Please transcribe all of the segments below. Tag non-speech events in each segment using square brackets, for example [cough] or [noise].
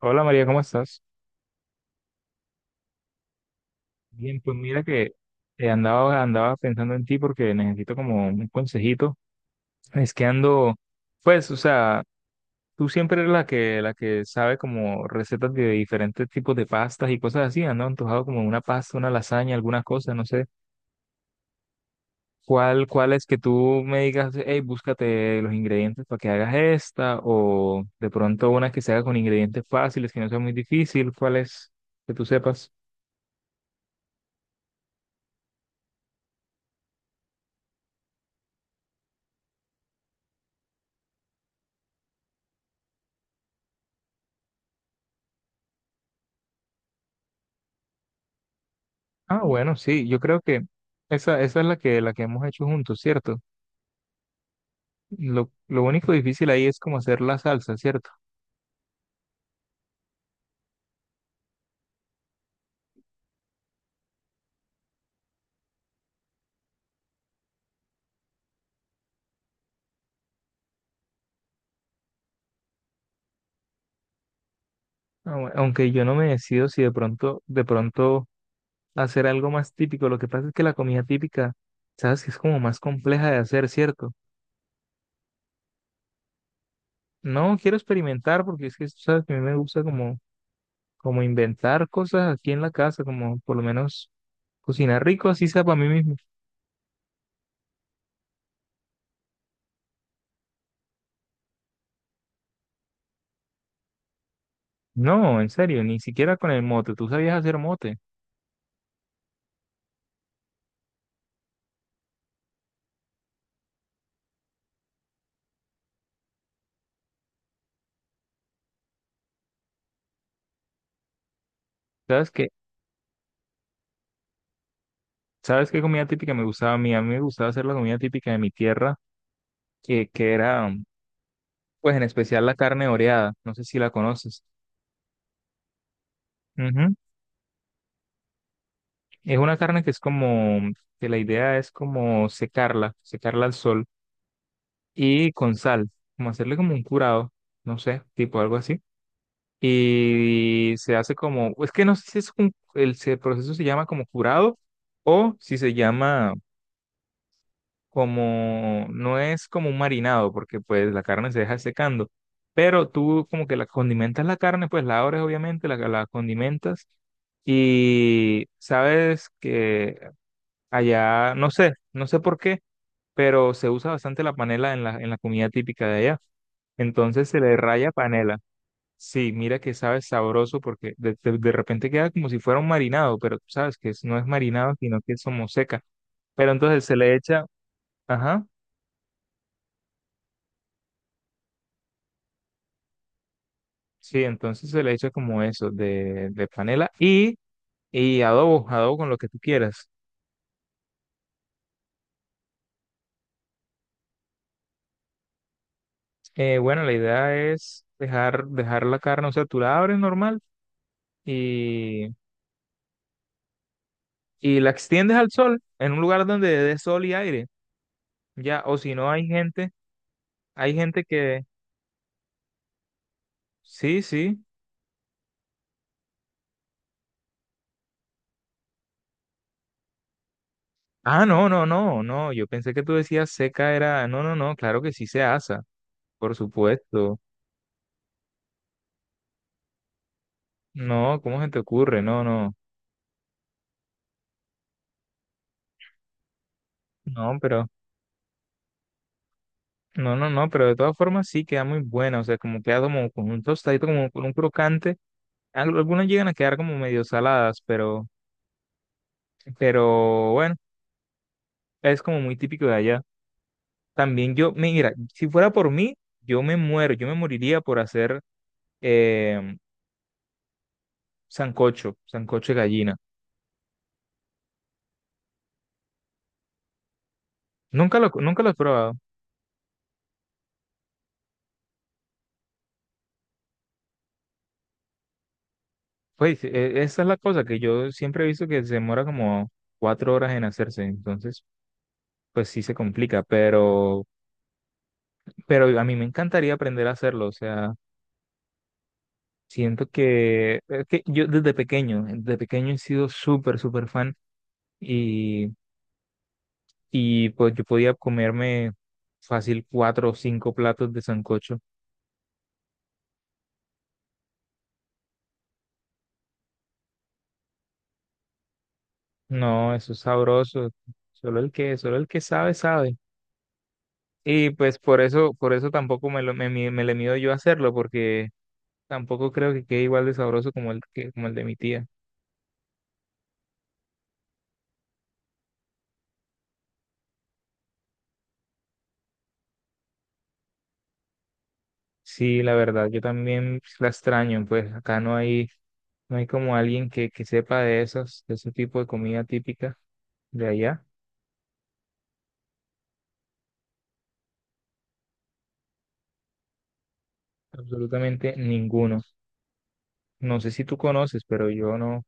Hola María, ¿cómo estás? Bien, pues mira que andaba pensando en ti porque necesito como un consejito. Es que ando, pues, o sea, tú siempre eres la que sabe como recetas de diferentes tipos de pastas y cosas así. Ando antojado como una pasta, una lasaña, ¿alguna cosa? No sé. ¿Cuál es? Que tú me digas, hey, búscate los ingredientes para que hagas esta. O de pronto una que se haga con ingredientes fáciles, que no sea muy difícil. ¿Cuál es que tú sepas? Ah, bueno, sí, yo creo que esa es la que hemos hecho juntos, ¿cierto? Lo único difícil ahí es como hacer la salsa, ¿cierto? Aunque yo no me decido si de pronto hacer algo más típico. Lo que pasa es que la comida típica, sabes que es como más compleja de hacer, ¿cierto? No quiero experimentar porque es que, sabes, que a mí me gusta como, como inventar cosas aquí en la casa, como por lo menos cocinar rico, así sea para mí mismo. No, en serio, ni siquiera con el mote. Tú sabías hacer mote. ¿Sabes que ¿Sabes qué comida típica me gustaba a mí? A mí me gustaba hacer la comida típica de mi tierra, que era, pues en especial la carne oreada, no sé si la conoces. Ujú. Es una carne que es como, que la idea es como secarla, secarla al sol y con sal, como hacerle como un curado, no sé, tipo algo así. Y se hace como, es que no sé si es un, el, el proceso se llama como curado o si se llama como, no es como un marinado, porque pues la carne se deja secando, pero tú como que la condimentas la carne, pues la abres obviamente, la condimentas y sabes que allá, no sé por qué, pero se usa bastante la panela en la comida típica de allá. Entonces se le raya panela. Sí, mira que sabe sabroso porque de, de repente queda como si fuera un marinado, pero tú sabes que no es marinado, sino que es como seca. Pero entonces se le echa, ajá. Sí, entonces se le echa como eso, de panela y adobo, adobo con lo que tú quieras. Bueno, la idea es dejar, dejar la carne, o sea, tú la abres normal y, y la extiendes al sol, en un lugar donde dé sol y aire, ya, o si no hay gente, hay gente que, sí, sí. Ah, no, no, no, no, yo pensé que tú decías seca, era, no, no, no, claro que sí se asa, por supuesto. No, ¿cómo se te ocurre? No, no, no, pero... No, no, no, pero de todas formas sí queda muy buena, o sea, como queda como con un tostadito, como con un crocante. Algunas llegan a quedar como medio saladas, pero bueno, es como muy típico de allá. También yo, mira, si fuera por mí, yo me muero, yo me moriría por hacer eh, sancocho, sancocho de gallina. Nunca lo he probado. Pues esa es la cosa que yo siempre he visto que se demora como cuatro horas en hacerse, entonces pues sí se complica, pero a mí me encantaría aprender a hacerlo, o sea. Siento que, es que yo desde pequeño he sido súper, súper fan y, y pues yo podía comerme fácil cuatro o cinco platos de sancocho. No, eso es sabroso. Solo el que sabe, sabe. Y pues por eso tampoco me lo, me, me le mido yo a hacerlo, porque tampoco creo que quede igual de sabroso como el que, como el de mi tía. Sí, la verdad, yo también la extraño, pues acá no hay, no hay como alguien que sepa de esos, de ese tipo de comida típica de allá, absolutamente ninguno. No sé si tú conoces, pero yo no.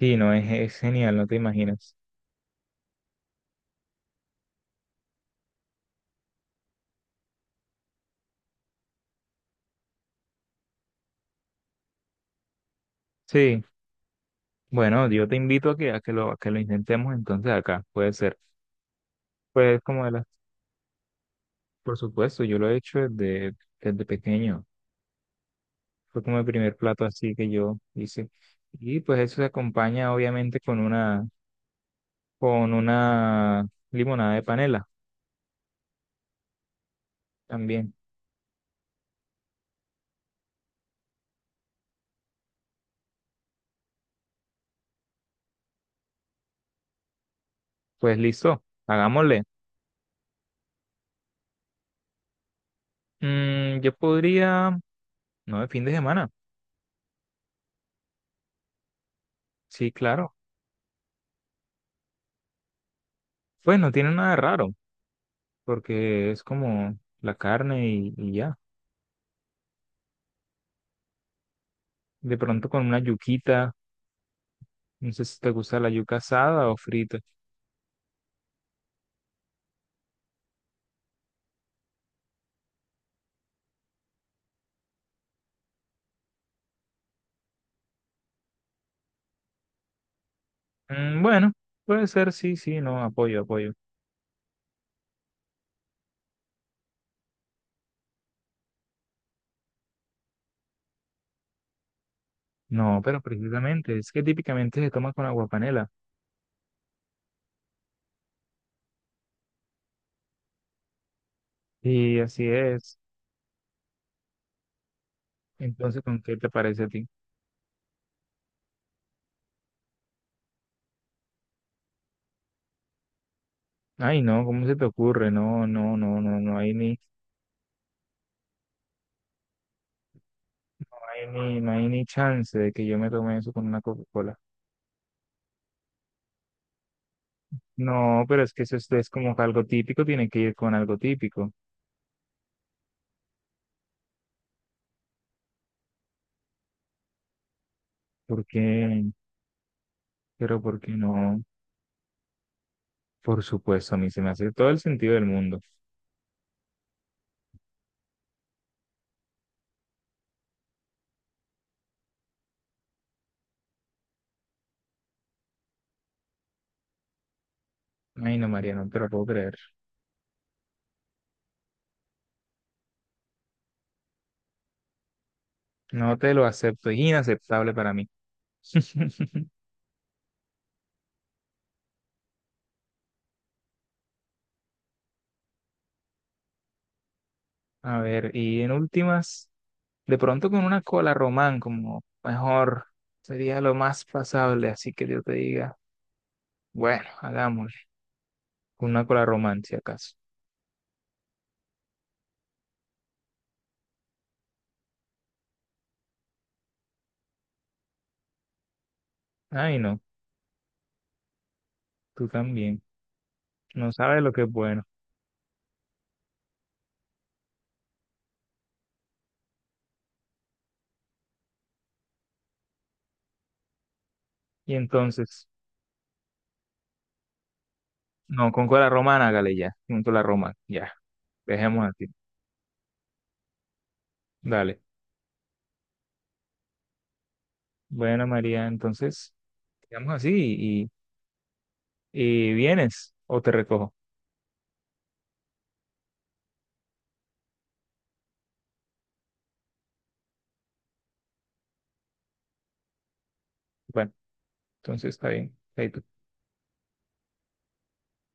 Sí, no, es genial, no te imaginas. Sí, bueno, yo te invito a que lo intentemos entonces acá, puede ser. Pues como de las, por supuesto, yo lo he hecho desde, desde pequeño. Fue como el primer plato así que yo hice. Y pues eso se acompaña obviamente con una limonada de panela también. Pues listo, hagámosle. Mm, yo podría, no, de fin de semana. Sí, claro. Pues no tiene nada de raro, porque es como la carne y ya. De pronto con una yuquita, no sé si te gusta la yuca asada o frita. Mm, bueno, puede ser, sí, sí, no, apoyo, apoyo. No, pero precisamente, es que típicamente se toma con agua panela. Y así es. Entonces, ¿con qué te parece a ti? Ay, no, ¿cómo se te ocurre? No, no, no, no, no hay ni, no hay ni, no hay ni chance de que yo me tome eso con una Coca-Cola. No, pero es que eso es como que algo típico, tiene que ir con algo típico. ¿Por qué? Pero ¿por qué no? Por supuesto, a mí se me hace todo el sentido del mundo. Ay, no, María, no te lo puedo creer. No te lo acepto, es inaceptable para mí. [laughs] A ver, y en últimas, de pronto con una cola román, como mejor, sería lo más pasable, así que yo te diga, bueno, hagámoslo. Con una cola romántica acaso. Ay, no, tú también. No sabes lo que es bueno. Y entonces, no, con cola romana, hágale ya, con cola romana, ya, dejemos así. Dale. Bueno, María, entonces, quedamos así y vienes o te recojo. Bueno, entonces está bien. Ahí